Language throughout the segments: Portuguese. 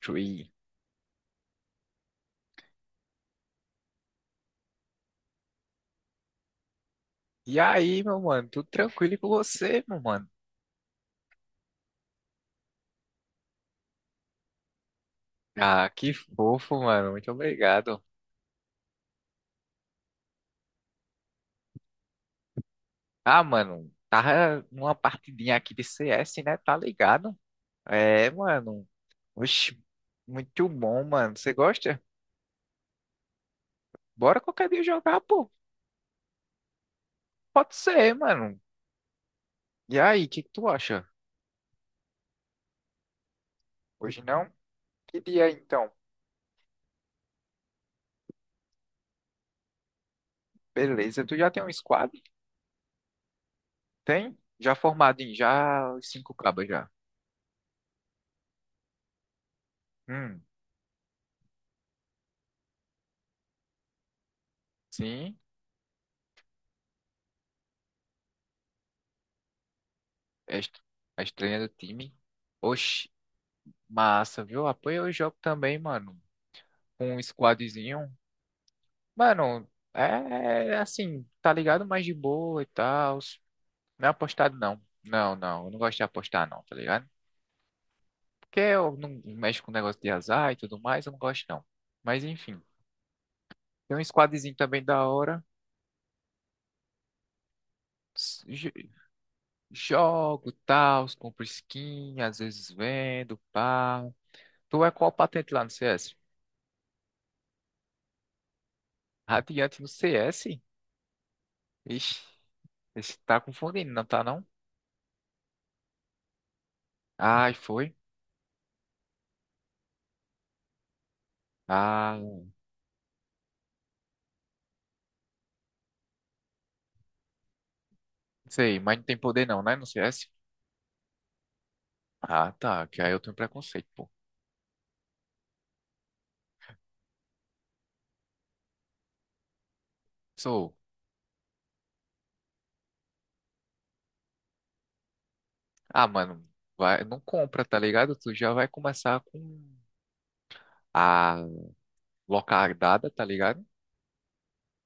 Chui. E aí, meu mano, tudo tranquilo e com você, meu mano? Ah, que fofo, mano, muito obrigado. Ah, mano, tava numa partidinha aqui de CS, né? Tá ligado? É, mano, oxe, muito bom, mano. Você gosta? Bora qualquer dia jogar, pô. Pode ser, mano. E aí, o que que tu acha? Hoje não? Que dia então? Beleza, tu já tem um squad? Tem? Já formado em já os cinco cabas já. Hum, sim. É a est- a estreia do time. Oxi, massa, viu? Apoia o jogo também, mano. Com um squadzinho. Mano, é assim, tá ligado? Mais de boa e tal. Não é apostado, não. Eu não gosto de apostar, não, tá ligado? Porque eu não mexo com negócio de azar e tudo mais, eu não gosto, não. Mas enfim, tem um squadzinho também da hora. S- jo- Jogo, tal, compro skin, às vezes vendo, pá. Tu é qual patente lá no CS? Radiante no CS? Ixi, esse tá confundindo, não tá não? Ai, foi. Ah, não sei, mas não tem poder não, né? No CS? Ah, tá, que aí eu tenho preconceito, pô. Sou. Ah, mano, vai, não compra, tá ligado? Tu já vai começar com a locardada, tá ligado?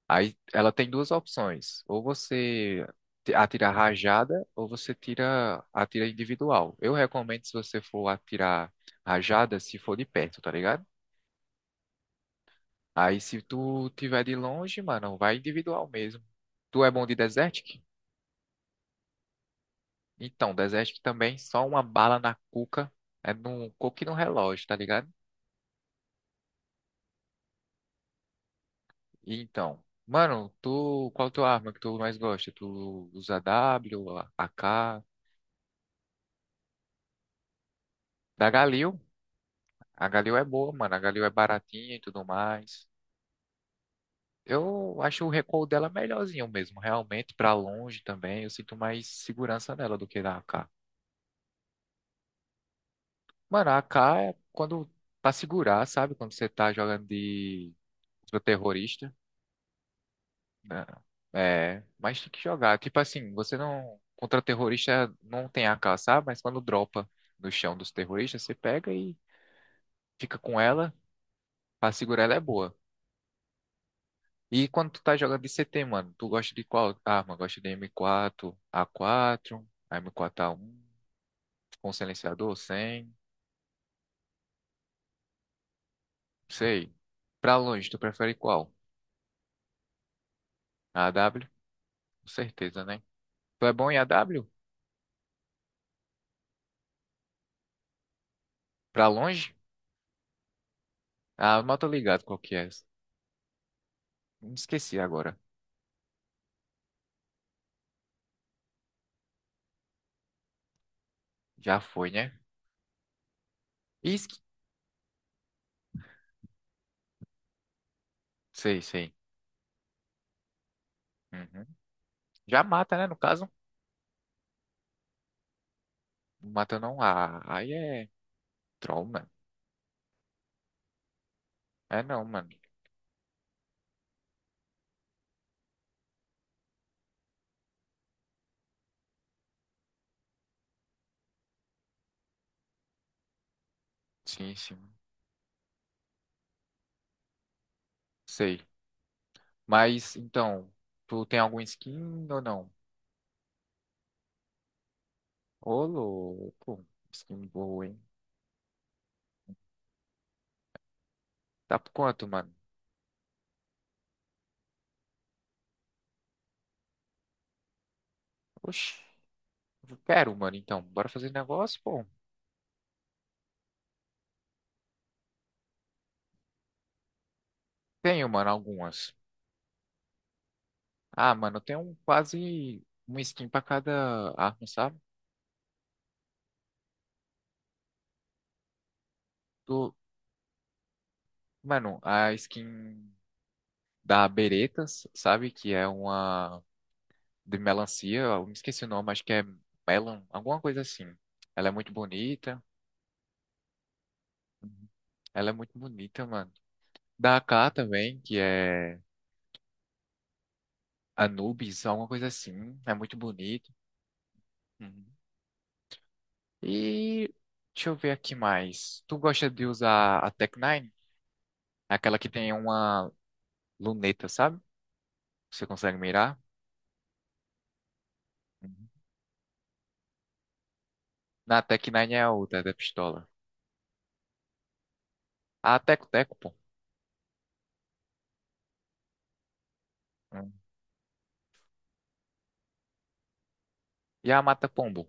Aí ela tem duas opções. Atira rajada, ou você tira atira individual. Eu recomendo se você for atirar rajada, se for de perto, tá ligado? Aí se tu tiver de longe, mano, vai individual mesmo. Tu é bom de Desertic? Então, Desertic também, só uma bala na cuca, é num coque no relógio, tá ligado? E então, mano, qual tua arma que tu mais gosta? Tu usa W, AK, da Galil? A Galil é boa, mano, a Galil é baratinha e tudo mais. Eu acho o recuo dela melhorzinho mesmo, realmente, pra longe também, eu sinto mais segurança nela do que na AK. Mano, a AK é quando pra segurar, sabe? Quando você tá jogando de contra terrorista, né? É, mas tem que jogar. Tipo assim, você não contra terrorista não tem AK, sabe? Mas quando dropa no chão dos terroristas, você pega e fica com ela pra segurar, ela é boa. E quando tu tá jogando de c CT, mano, tu gosta de qual arma? Gosta de M4, A4, M4A1, com silenciador, sem, sei. Pra longe, tu prefere qual? A AW? Com certeza, né? Tu é bom em AW? Pra longe? Ah, eu mal tô ligado qual que é. Me esqueci agora. Já foi, né? Isque? Sei, sei. Uhum. Já mata, né? No caso. Não mata não. Ah, aí é troll, mano. É não, mano. Sim, sim. Sei. Mas, então, tu tem algum skin ou não? Ô, louco. Skin boa, hein? Tá por quanto, mano? Oxi. Eu quero, mano, então. Bora fazer negócio, pô. Tenho, mano, algumas. Ah, mano, tem um quase uma skin pra cada arma, sabe? Do, mano, a skin da Beretas, sabe? Que é uma de melancia, eu me esqueci o nome, acho que é melon, alguma coisa assim. Ela é muito bonita. Uhum. Ela é muito bonita, mano. Da AK também, que é Anubis, alguma coisa assim. É muito bonito. Uhum. E deixa eu ver aqui mais. Tu gosta de usar a Tech Nine? Aquela que tem uma luneta, sabe? Você consegue mirar? Uhum. Na Tec Nine é a outra, é da pistola. A Teco-Teco, pô. Uhum. E a Mata-Pombo?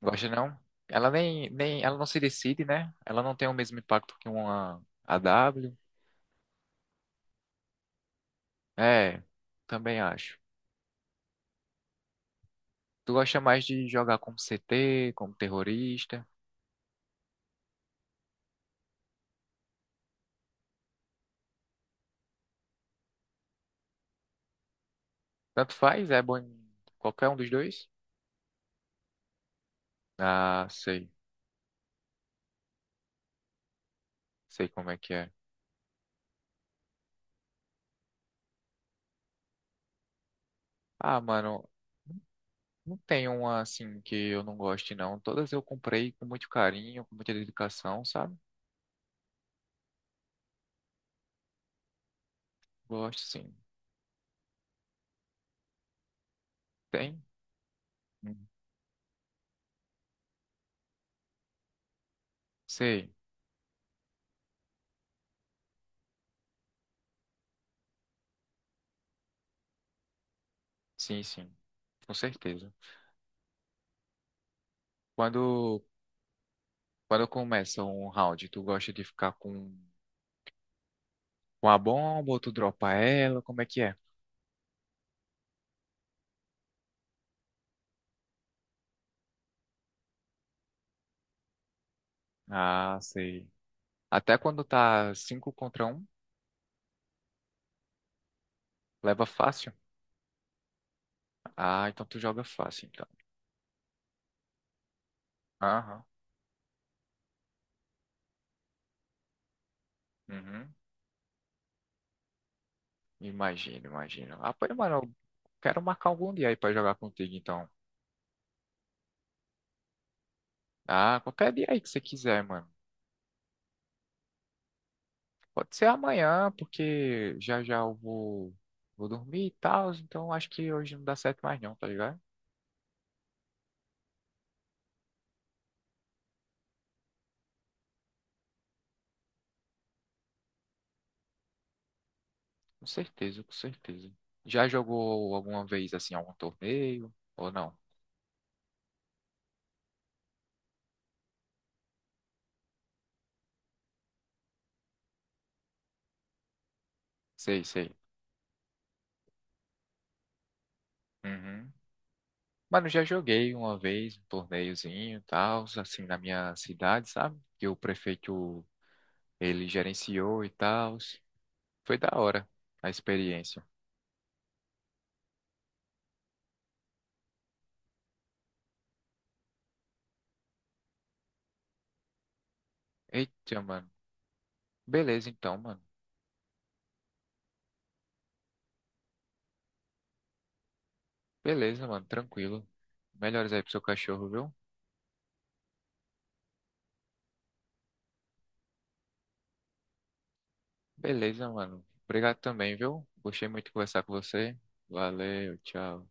Gosta não? Ela nem, nem, ela não se decide, né? Ela não tem o mesmo impacto que uma AW. É, também acho. Tu gosta mais de jogar como CT, como terrorista? Tanto faz, é bom em qualquer um dos dois? Ah, sei. Sei como é que é. Ah, mano, não tem uma assim que eu não goste, não. Todas eu comprei com muito carinho, com muita dedicação, sabe? Gosto, sim. Tem? Hum. Sei. Sim, sim. Com certeza. Quando, quando começa um round, tu gosta de ficar com a bomba ou tu dropa ela? Como é que é? Ah, sei. Até quando tá 5 contra um leva fácil? Ah, então tu joga fácil, então. Aham. Uhum. Imagino. Ah, pô, mano, eu quero marcar algum dia aí pra jogar contigo, então. Ah, qualquer dia aí que você quiser, mano. Pode ser amanhã, porque já já eu vou dormir e tal, então acho que hoje não dá certo mais não, tá ligado? Com certeza. Já jogou alguma vez, assim, algum torneio? Ou não? Sei, sei. Uhum. Mano, já joguei uma vez um torneiozinho e tal, assim, na minha cidade, sabe? Que o prefeito, ele gerenciou e tal. Foi da hora a experiência. Eita, mano. Beleza então, mano. Beleza, mano, tranquilo. Melhores aí pro seu cachorro, viu? Beleza, mano. Obrigado também, viu? Gostei muito de conversar com você. Valeu, tchau.